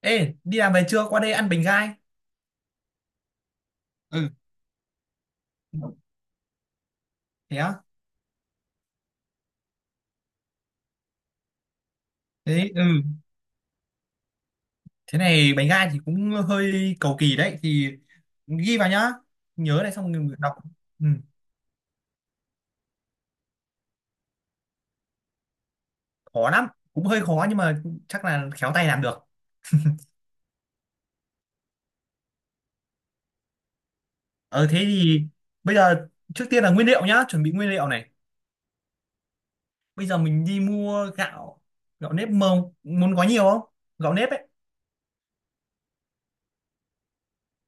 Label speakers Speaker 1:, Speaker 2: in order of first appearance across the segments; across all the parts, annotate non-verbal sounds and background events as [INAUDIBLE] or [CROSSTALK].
Speaker 1: Ê, đi làm về chưa? Qua đây ăn bánh gai. Ừ. Thế á? Thế, ừ. Thế này bánh gai thì cũng hơi cầu kỳ đấy. Thì ghi vào nhá. Nhớ này xong mình đọc. Ừ, khó lắm. Cũng hơi khó nhưng mà chắc là khéo tay làm được. Ờ, thế thì bây giờ trước tiên là nguyên liệu nhá. Chuẩn bị nguyên liệu này. Bây giờ mình đi mua gạo. Gạo nếp mông. Muốn có nhiều không? Gạo nếp ấy.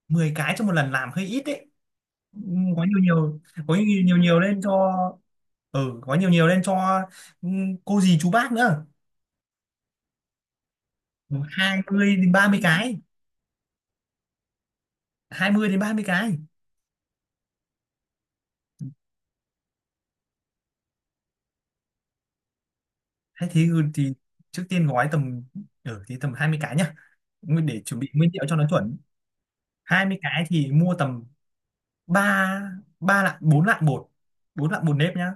Speaker 1: 10 cái cho một lần làm hơi ít đấy. Có nhiều nhiều. Có nhiều nhiều, nhiều lên cho có nhiều nhiều lên cho ừ, cô dì chú bác nữa. Ừ, 20 đến 30 cái, 20 đến 30 cái. Hay thế, thì trước tiên gói tầm, thì tầm 20 cái nhá. Để chuẩn bị nguyên liệu cho nó chuẩn. 20 cái thì mua tầm 3 3 lạng, 4 lạng bột, 4 lạng bột nếp nhá.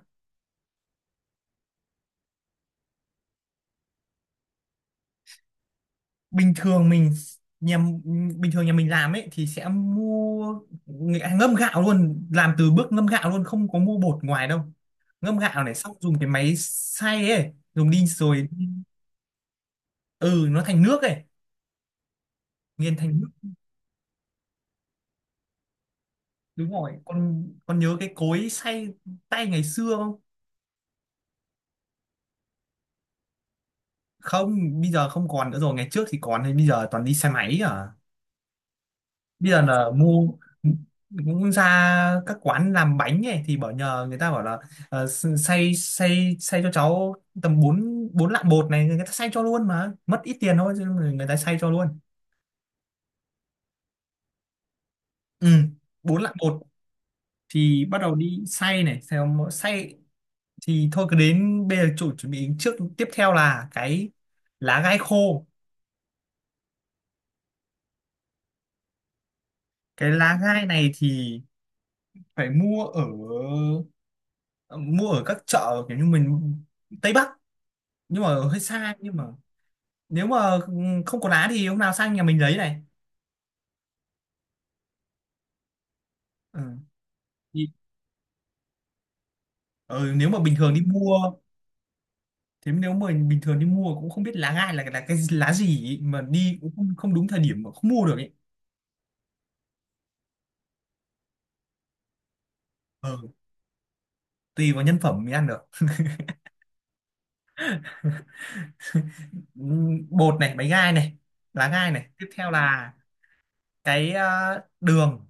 Speaker 1: bình thường mình nhà Bình thường nhà mình làm ấy thì sẽ mua, ngâm gạo luôn, làm từ bước ngâm gạo luôn, không có mua bột ngoài đâu. Ngâm gạo này xong dùng cái máy xay ấy, dùng đi rồi, ừ nó thành nước ấy. Nghiền thành nước, đúng rồi. Con nhớ cái cối xay tay ngày xưa không? Không, bây giờ không còn nữa rồi, ngày trước thì còn, thì bây giờ toàn đi xe máy à. Bây giờ là mua, cũng ra các quán làm bánh ấy thì bảo, nhờ người ta bảo là xay xay xay cho cháu tầm bốn 4 lạng bột này, người ta xay cho luôn mà mất ít tiền thôi, chứ người ta xay cho luôn. Ừ, 4 lạng bột, thì bắt đầu đi xay này, xong xay thì thôi cứ đến bây giờ chuẩn bị trước. Tiếp theo là lá gai khô. Cái lá gai này thì phải mua ở, mua ở các chợ kiểu như mình, Tây Bắc, nhưng mà hơi xa, nhưng mà nếu mà không có lá thì hôm nào sang nhà mình lấy này. Ừ. Thì- ừ, nếu mà bình thường đi mua, thế nếu mà bình thường đi mua cũng không biết lá gai là cái lá gì ý, mà đi cũng không đúng thời điểm mà không mua được ấy. Ừ. Tùy vào nhân phẩm mới ăn được. Ừ, bột này, bánh gai này, lá gai này, tiếp theo là cái đường.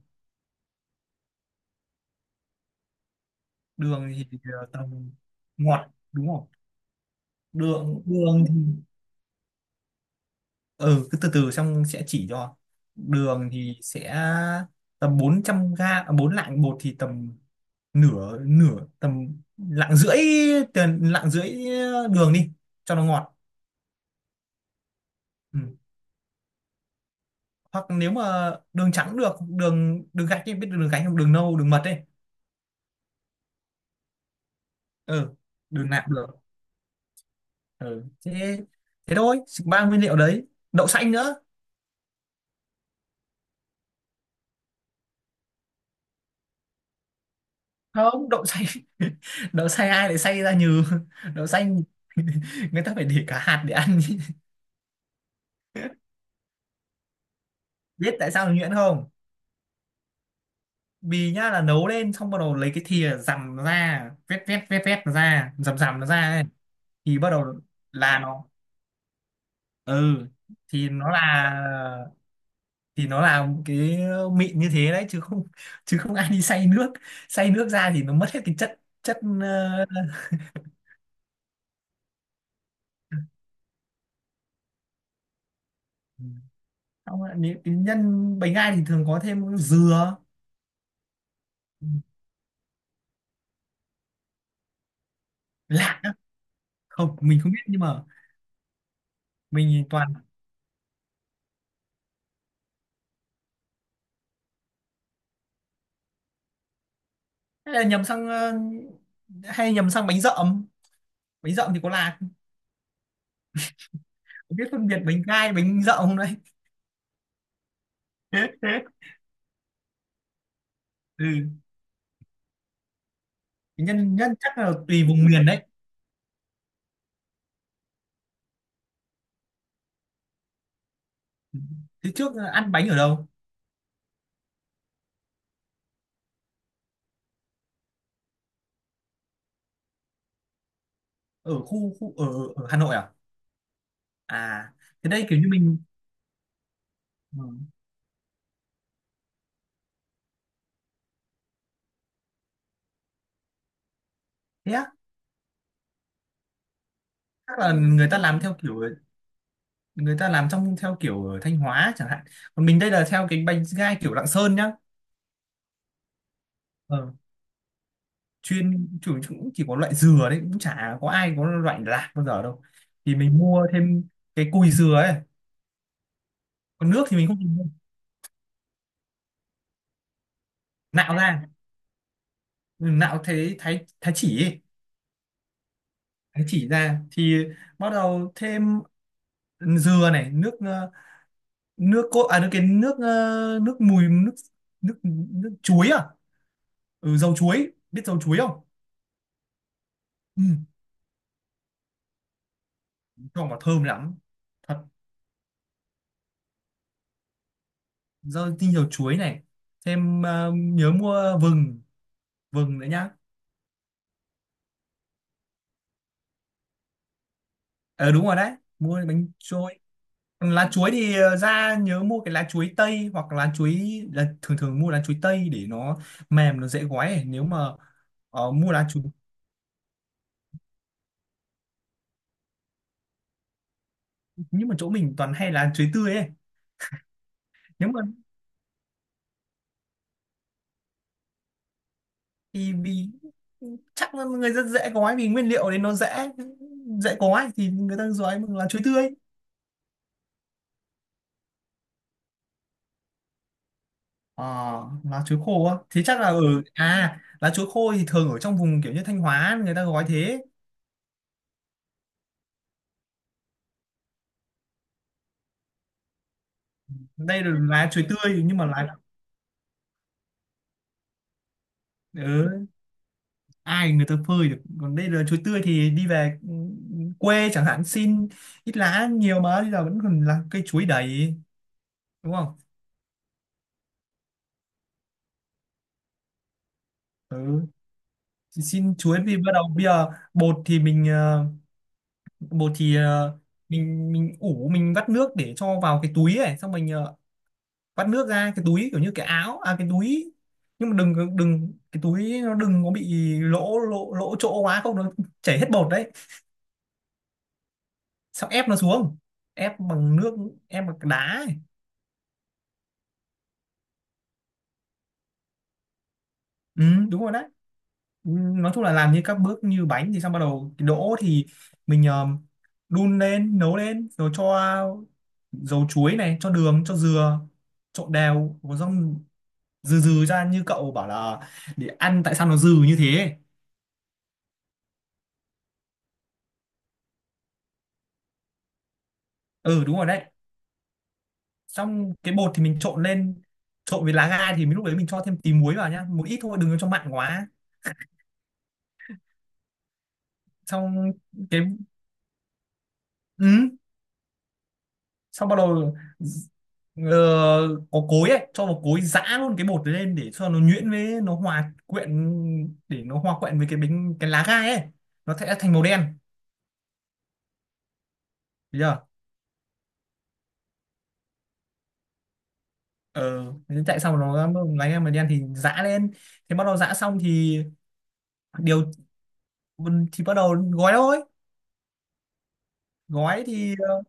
Speaker 1: Đường thì ờ, tầm Ngọt đúng không? Đường đường thì ừ cứ từ từ xong sẽ chỉ cho. Đường thì sẽ tầm 400 bốn lạng bột thì tầm nửa nửa tầm lạng rưỡi, lạng rưỡi đường đi cho nó ngọt. Ừ. Hoặc nếu mà đường trắng cũng được, đường đường gạch ấy, biết đường gạch không, đường nâu, đường mật ấy. Ừ, đường nạc được. Ừ. thế thế thôi, ba nguyên liệu đấy, đậu xanh nữa. Không, đậu xay [LAUGHS] đậu xay, ai lại xay ra nhừ, đậu xay [LAUGHS] người ta phải để cả hạt để ăn. [LAUGHS] Biết tại sao nó nhuyễn không? Vì nhá, là nấu lên xong bắt đầu lấy cái thìa dằm nó ra, vét vét vét vét nó ra, dằm dằm nó ra ấy. Thì bắt đầu là nó, ừ thì nó là thì nó là một cái mịn như thế đấy, chứ không, chứ không ai đi xay nước, xay nước ra thì nó mất hết cái chất chất ờ, xong rồi. Nếu cái nhân bánh gai thì thường có thêm dừa. Lạc? Không, mình không biết, nhưng mà mình toàn, hay là nhầm sang ờ, hay nhầm sang bánh dợm, bánh dợm thì có lạc, không biết phân biệt bánh gai bánh dợm không đấy. [LAUGHS] Ừ, nhân nhân chắc là tùy vùng miền đấy. Thế trước ăn bánh ở đâu? Ở khu khu Ở ở Hà Nội à? À thế đây kiểu như mình. Ừ. Thế á, chắc là người ta làm theo kiểu, người ta làm theo kiểu ở Thanh Hóa chẳng hạn, còn mình đây là theo cái bánh gai kiểu Lạng Sơn nhá. Ờ, cũng chỉ có loại dừa đấy, cũng chả có ai có loại lạc bao giờ đâu. Thì mình mua thêm cái cùi dừa ấy, còn nước thì mình không dùng đâu. Nạo ra. Ừ, nạo, thế thái, thái chỉ ấy. Thái chỉ ra thì bắt đầu thêm dừa này, nước cốt à, nước cái nước ờ, nước mùi nước nước nước chuối à, ừ, dầu chuối, biết dầu chuối không? Ừ, cho vào thơm lắm thật. Tinh dầu chuối này. Thêm nhớ mua vừng, vừng nữa nhá. Ờ đúng rồi đấy, mua bánh trôi. Còn lá chuối thì ra nhớ mua cái lá chuối tây hoặc lá chuối, là thường thường mua lá chuối tây để nó mềm, nó dễ gói ấy. Nếu mà mua lá chuối, nhưng mà chỗ mình toàn hay lá chuối tươi ấy. Nếu mà thì vì chắc là người rất dễ gói, vì nguyên liệu đấy nó dễ, dễ gói thì người ta gói bằng lá chuối tươi. Ờ, lá chuối khô á thì chắc là ở, à lá chuối khô thì thường ở trong vùng kiểu như Thanh Hóa người ta gói thế. Đây là lá chuối tươi, nhưng mà lá, ừ, ai người ta phơi được, còn đây là chuối tươi thì đi về quê chẳng hạn xin ít lá nhiều, mà bây giờ vẫn còn là cây chuối đầy. Đúng không? Ừ, thì xin chuối thì bắt đầu bây giờ, bột thì mình ờ, bột thì ờ, mình ủ, mình vắt nước để cho vào cái túi ấy, xong mình vắt nước ra cái túi kiểu như cái áo, à cái túi, nhưng mà đừng đừng cái túi nó đừng có bị lỗ lỗ lỗ chỗ quá không nó chảy hết bột đấy. Xong ép nó xuống, ép bằng nước, ép bằng đá ấy. Ừ, đúng rồi đấy. Nói chung là làm như các bước như bánh, thì xong bắt đầu cái đỗ thì mình đun lên nấu lên, rồi cho dầu chuối này, cho đường, cho dừa, trộn đều có xong, dừ dừ ra như cậu bảo là để ăn tại sao nó dừ như thế. Ừ đúng rồi đấy. Xong cái bột thì mình trộn lên, trộn với lá gai thì mình lúc đấy mình cho thêm tí muối vào nhá, một ít thôi đừng có cho mặn quá. Xong cái Ừ, xong bắt đầu ờ, có cối ấy cho vào cối giã luôn cái bột đấy lên để cho nó nhuyễn, với nó hòa quyện, để nó hòa quyện với cái bánh, cái lá gai ấy, nó sẽ thành màu đen. Bây giờ ờ thế tại sao nó lá gai màu đen thì giã lên. Thế bắt đầu giã xong thì điều thì bắt đầu gói thôi. Gói thì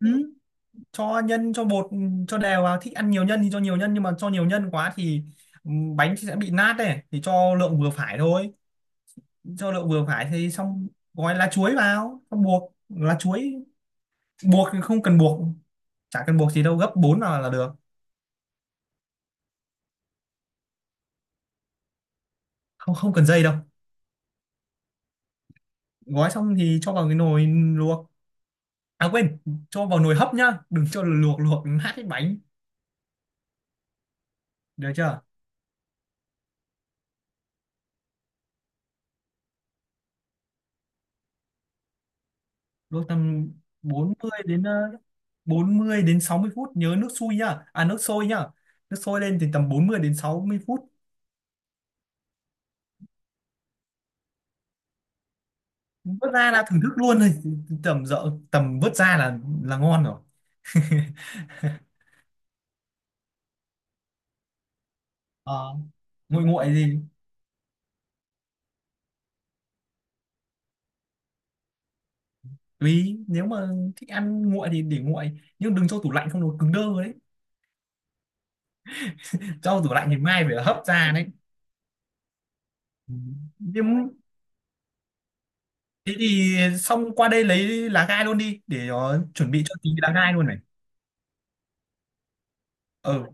Speaker 1: ừ, cho nhân cho bột, ừ, cho đều vào, thích ăn nhiều nhân thì cho nhiều nhân, nhưng mà cho nhiều nhân quá thì ừ, bánh sẽ bị nát đấy thì cho lượng vừa phải thôi, cho đậu vừa phải thì xong. Gói lá chuối vào, xong buộc lá chuối, buộc thì không cần buộc, chả cần buộc gì đâu, gấp 4 vào là được. Không không cần dây đâu. Gói xong thì cho vào cái nồi luộc, à quên, cho vào nồi hấp nhá, đừng cho luộc, luộc nát cái bánh. Được chưa? Luộc tầm, bốn mươi đến 40 đến 60 phút, nhớ nước sôi nhá, à nước sôi nhá, nước sôi lên thì tầm 40 đến 60 phút. Vớt ra là thưởng thức luôn [LAUGHS] thôi. Tầm vớt ra là ngon rồi. [LAUGHS] Ờ, nguội nguội gì. Tùy nếu mà thích ăn nguội thì để nguội, nhưng đừng cho tủ lạnh không nó cứng đơ đấy. Cho tủ lạnh thì mai phải hấp ra đấy. Ừ. Nhưng thế thì xong qua đây lấy lá gai luôn đi để chuẩn bị cho tí lá gai luôn này. Ờ.